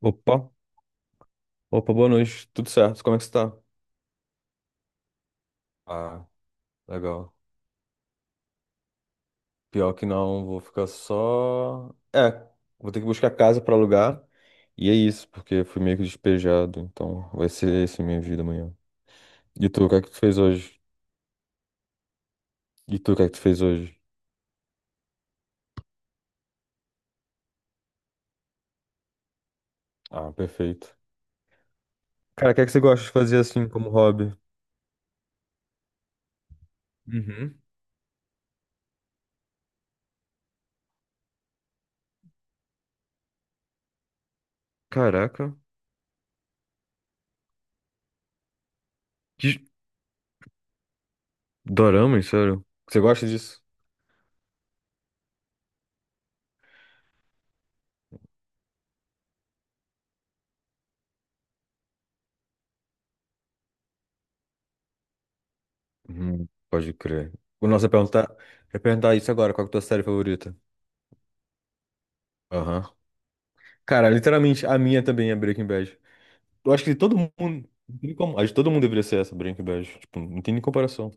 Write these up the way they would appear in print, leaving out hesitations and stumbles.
Opa, opa, boa noite. Tudo certo? Como é que você tá? Ah, legal. Pior que não, vou ficar só. É, vou ter que buscar casa pra alugar. E é isso, porque fui meio que despejado. Então vai ser essa minha vida amanhã. E tu, o que é que tu fez hoje? E tu, o que é que tu fez hoje? Ah, perfeito. Cara, o que é que você gosta de fazer assim como hobby? Uhum. Caraca. Que dorama, sério? Você gosta disso? Uhum, pode crer. O nosso é perguntar isso agora, qual que é a tua série favorita? Aham. Cara, literalmente, a minha também é Breaking Bad. Eu acho que de todo mundo. Não tem como, acho que todo mundo deveria ser essa, Breaking Bad. Tipo, não tem nem comparação.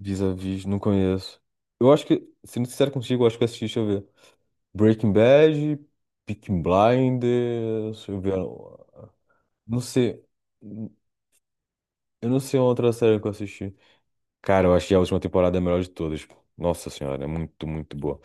Vis-a-vis, não conheço. Eu acho que, sendo sincero contigo, eu acho que eu assisti, deixa eu ver. Breaking Bad, Peaky Blinders, deixa eu ver. Não sei. Eu não sei uma outra série que eu assisti. Cara, eu achei a última temporada é a melhor de todas. Nossa senhora, é muito, muito boa.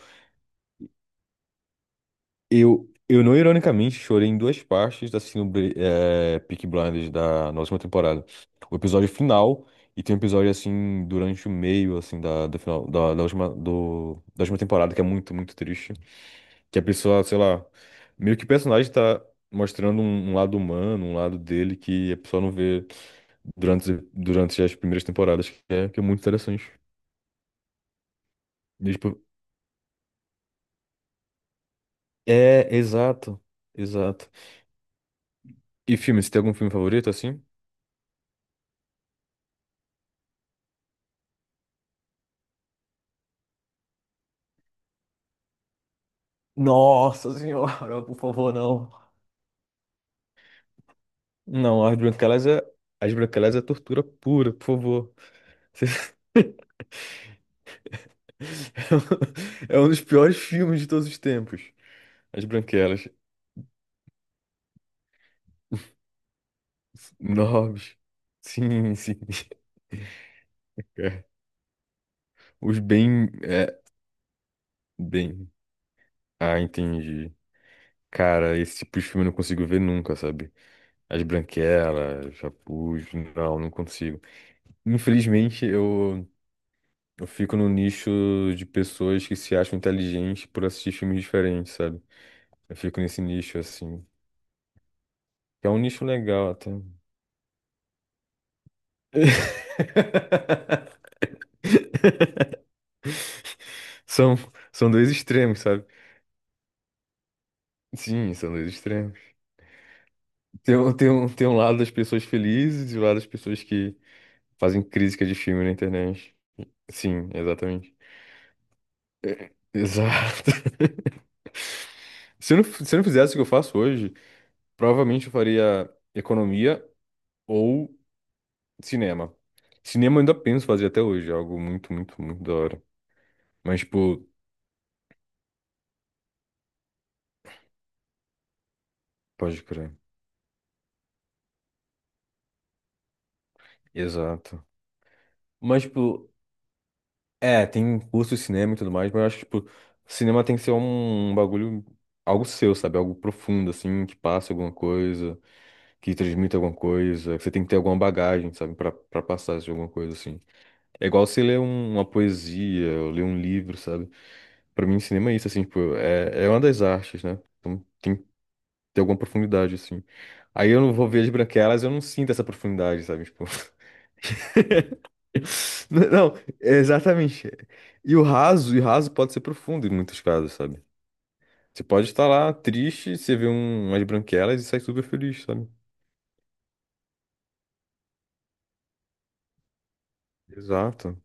Eu não ironicamente chorei em duas partes da síndrome Peaky Blinders da na última temporada. O episódio final e tem um episódio assim durante o meio assim do final da última da última temporada que é muito muito triste. Que a pessoa, sei lá, meio que o personagem tá mostrando um lado humano, um lado dele que a pessoa não vê durante as primeiras temporadas, que é muito interessante. E, tipo, é, exato, exato. E filme, você tem algum filme favorito assim? Nossa senhora, por favor, não. Não, as branquelas é, as branquelas é tortura pura, por favor. É um é um dos piores filmes de todos os tempos. As branquelas. Nobres. Sim, sim. É. Os bem. É, bem. Ah, entendi. Cara, esse tipo de filme eu não consigo ver nunca, sabe? As branquelas, Chapuz, não, não consigo. Infelizmente, eu fico no nicho de pessoas que se acham inteligentes por assistir filmes diferentes, sabe? Eu fico nesse nicho, assim. Que é um nicho legal até. São, são dois extremos, sabe? Sim, são dois extremos. Tem um lado das pessoas felizes e o lado das pessoas que fazem crítica de filme na internet. Sim, exatamente. É, exato. Se eu não fizesse o que eu faço hoje, provavelmente eu faria economia ou cinema. Cinema eu ainda penso fazer até hoje, é algo muito, muito, muito da hora. Mas, tipo, pode crer. Exato. Mas, tipo, é, tem curso de cinema e tudo mais, mas eu acho que, tipo, cinema tem que ser um bagulho, algo seu, sabe? Algo profundo, assim, que passa alguma coisa, que transmite alguma coisa, que você tem que ter alguma bagagem, sabe? Pra passar de alguma coisa, assim. É igual você ler uma poesia, ou ler um livro, sabe? Pra mim, cinema é isso, assim, tipo, é, é uma das artes, né? Então, tem tem alguma profundidade, assim. Aí eu não vou ver as branquelas, eu não sinto essa profundidade, sabe? Tipo. Não, exatamente. E o raso pode ser profundo em muitos casos, sabe? Você pode estar lá triste, você vê umas branquelas e sai super feliz, sabe? Exato.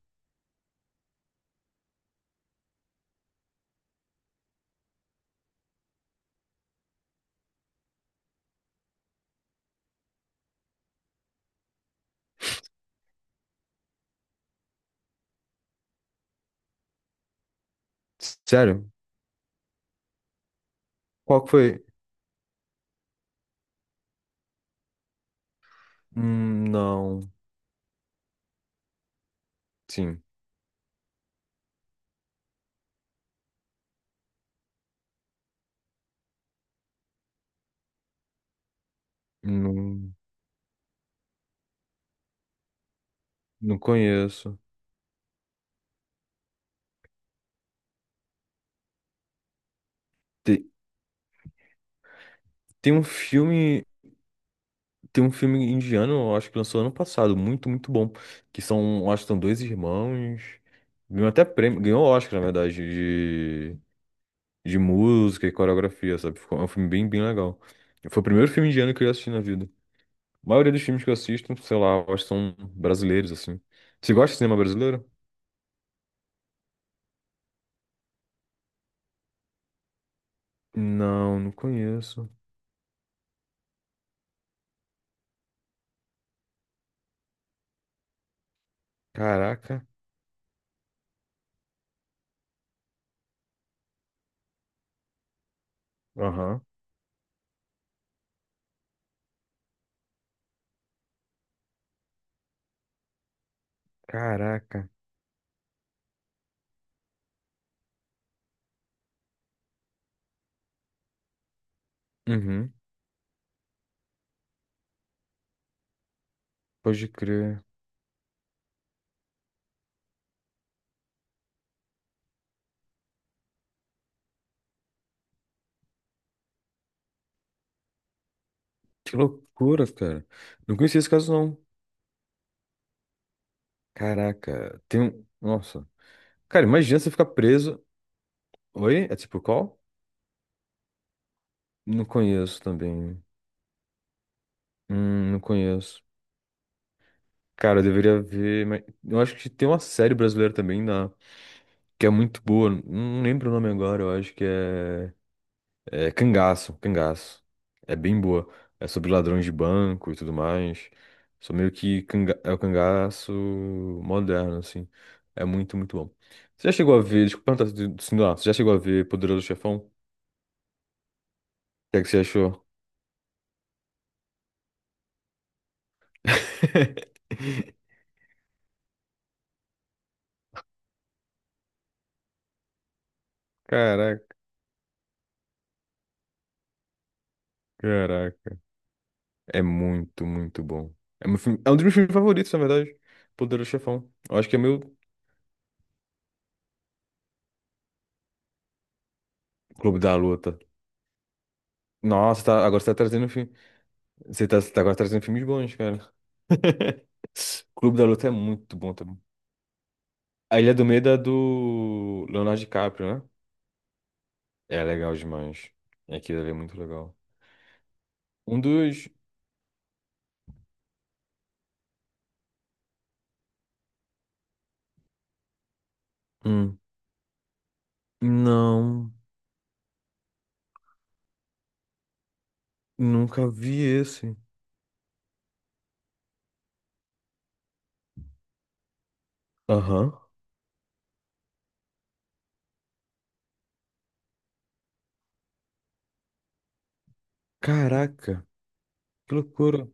Sério? Qual que foi? Não. Sim. Não, não conheço. Tem, tem um filme. Tem um filme indiano, eu acho que lançou ano passado, muito, muito bom. Que são, eu acho que são dois irmãos. Ganhou até prêmio, ganhou Oscar, na verdade, de música e coreografia, sabe? Ficou- é um filme bem, bem legal. Foi o primeiro filme indiano que eu assisti na vida. A maioria dos filmes que eu assisto, sei lá, eu acho que são brasileiros, assim. Você gosta de cinema brasileiro? Não, não conheço. Caraca. Aham. Caraca. Uhum. Pode crer. Que loucura, cara. Não conhecia esse caso, não. Caraca. Tem um. Nossa. Cara, imagina você ficar preso. Oi? É tipo qual? Não conheço também. Não conheço. Cara, eu deveria ver. Mas eu acho que tem uma série brasileira também na... que é muito boa. Não lembro o nome agora. Eu acho que é. É Cangaço. Cangaço. É bem boa. É sobre ladrões de banco e tudo mais. Sou meio que canga... é o cangaço moderno, assim. É muito, muito bom. Você já chegou a ver. Desculpa perguntar se não, você já chegou a ver Poderoso Chefão? O que é que você achou? Caraca, caraca. É muito, muito bom. É, é um dos meus filmes favoritos, na verdade. Poderoso Chefão. Eu acho que é meu Clube da Luta. Nossa, tá- agora você tá trazendo filme. Você tá agora trazendo filmes bons, cara. Clube da Luta é muito bom também. A Ilha do Medo é do Leonardo DiCaprio, né? É legal demais. É, aquilo ali é muito legal. Um dos. Hum. Não, nunca vi esse. Aham. Caraca, que loucura.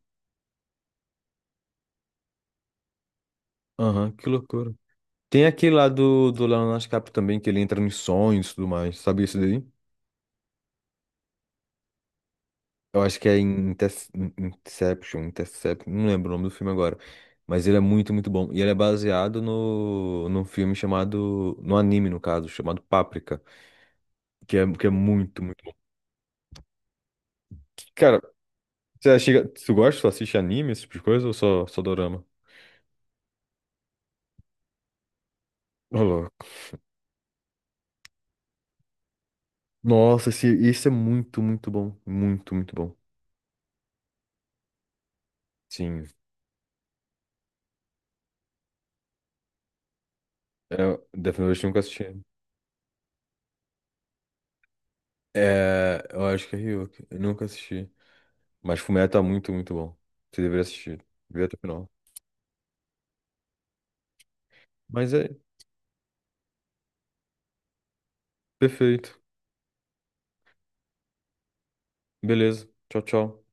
Aham, que loucura. Tem aquele lá do Leonardo DiCaprio também, que ele entra nos sonhos e tudo mais. Sabe isso daí? Eu acho que é em Inception, Intercept, não lembro o nome do filme agora. Mas ele é muito, muito bom. E ele é baseado num filme chamado. No anime, no caso, chamado Paprika. Que é muito, muito. Que, cara, você chega. Tu gosta, tu assiste anime, esse tipo de coisa, ou só dorama? Ô, louco. Nossa, esse é muito, muito bom. Muito, muito bom. Sim. É, Death Note eu nunca assisti. É, eu acho que é Ryuk. Eu nunca assisti. Mas Fullmetal tá muito, muito bom. Você deveria assistir. Vê até o final. Mas é perfeito. Beleza. Tchau, tchau.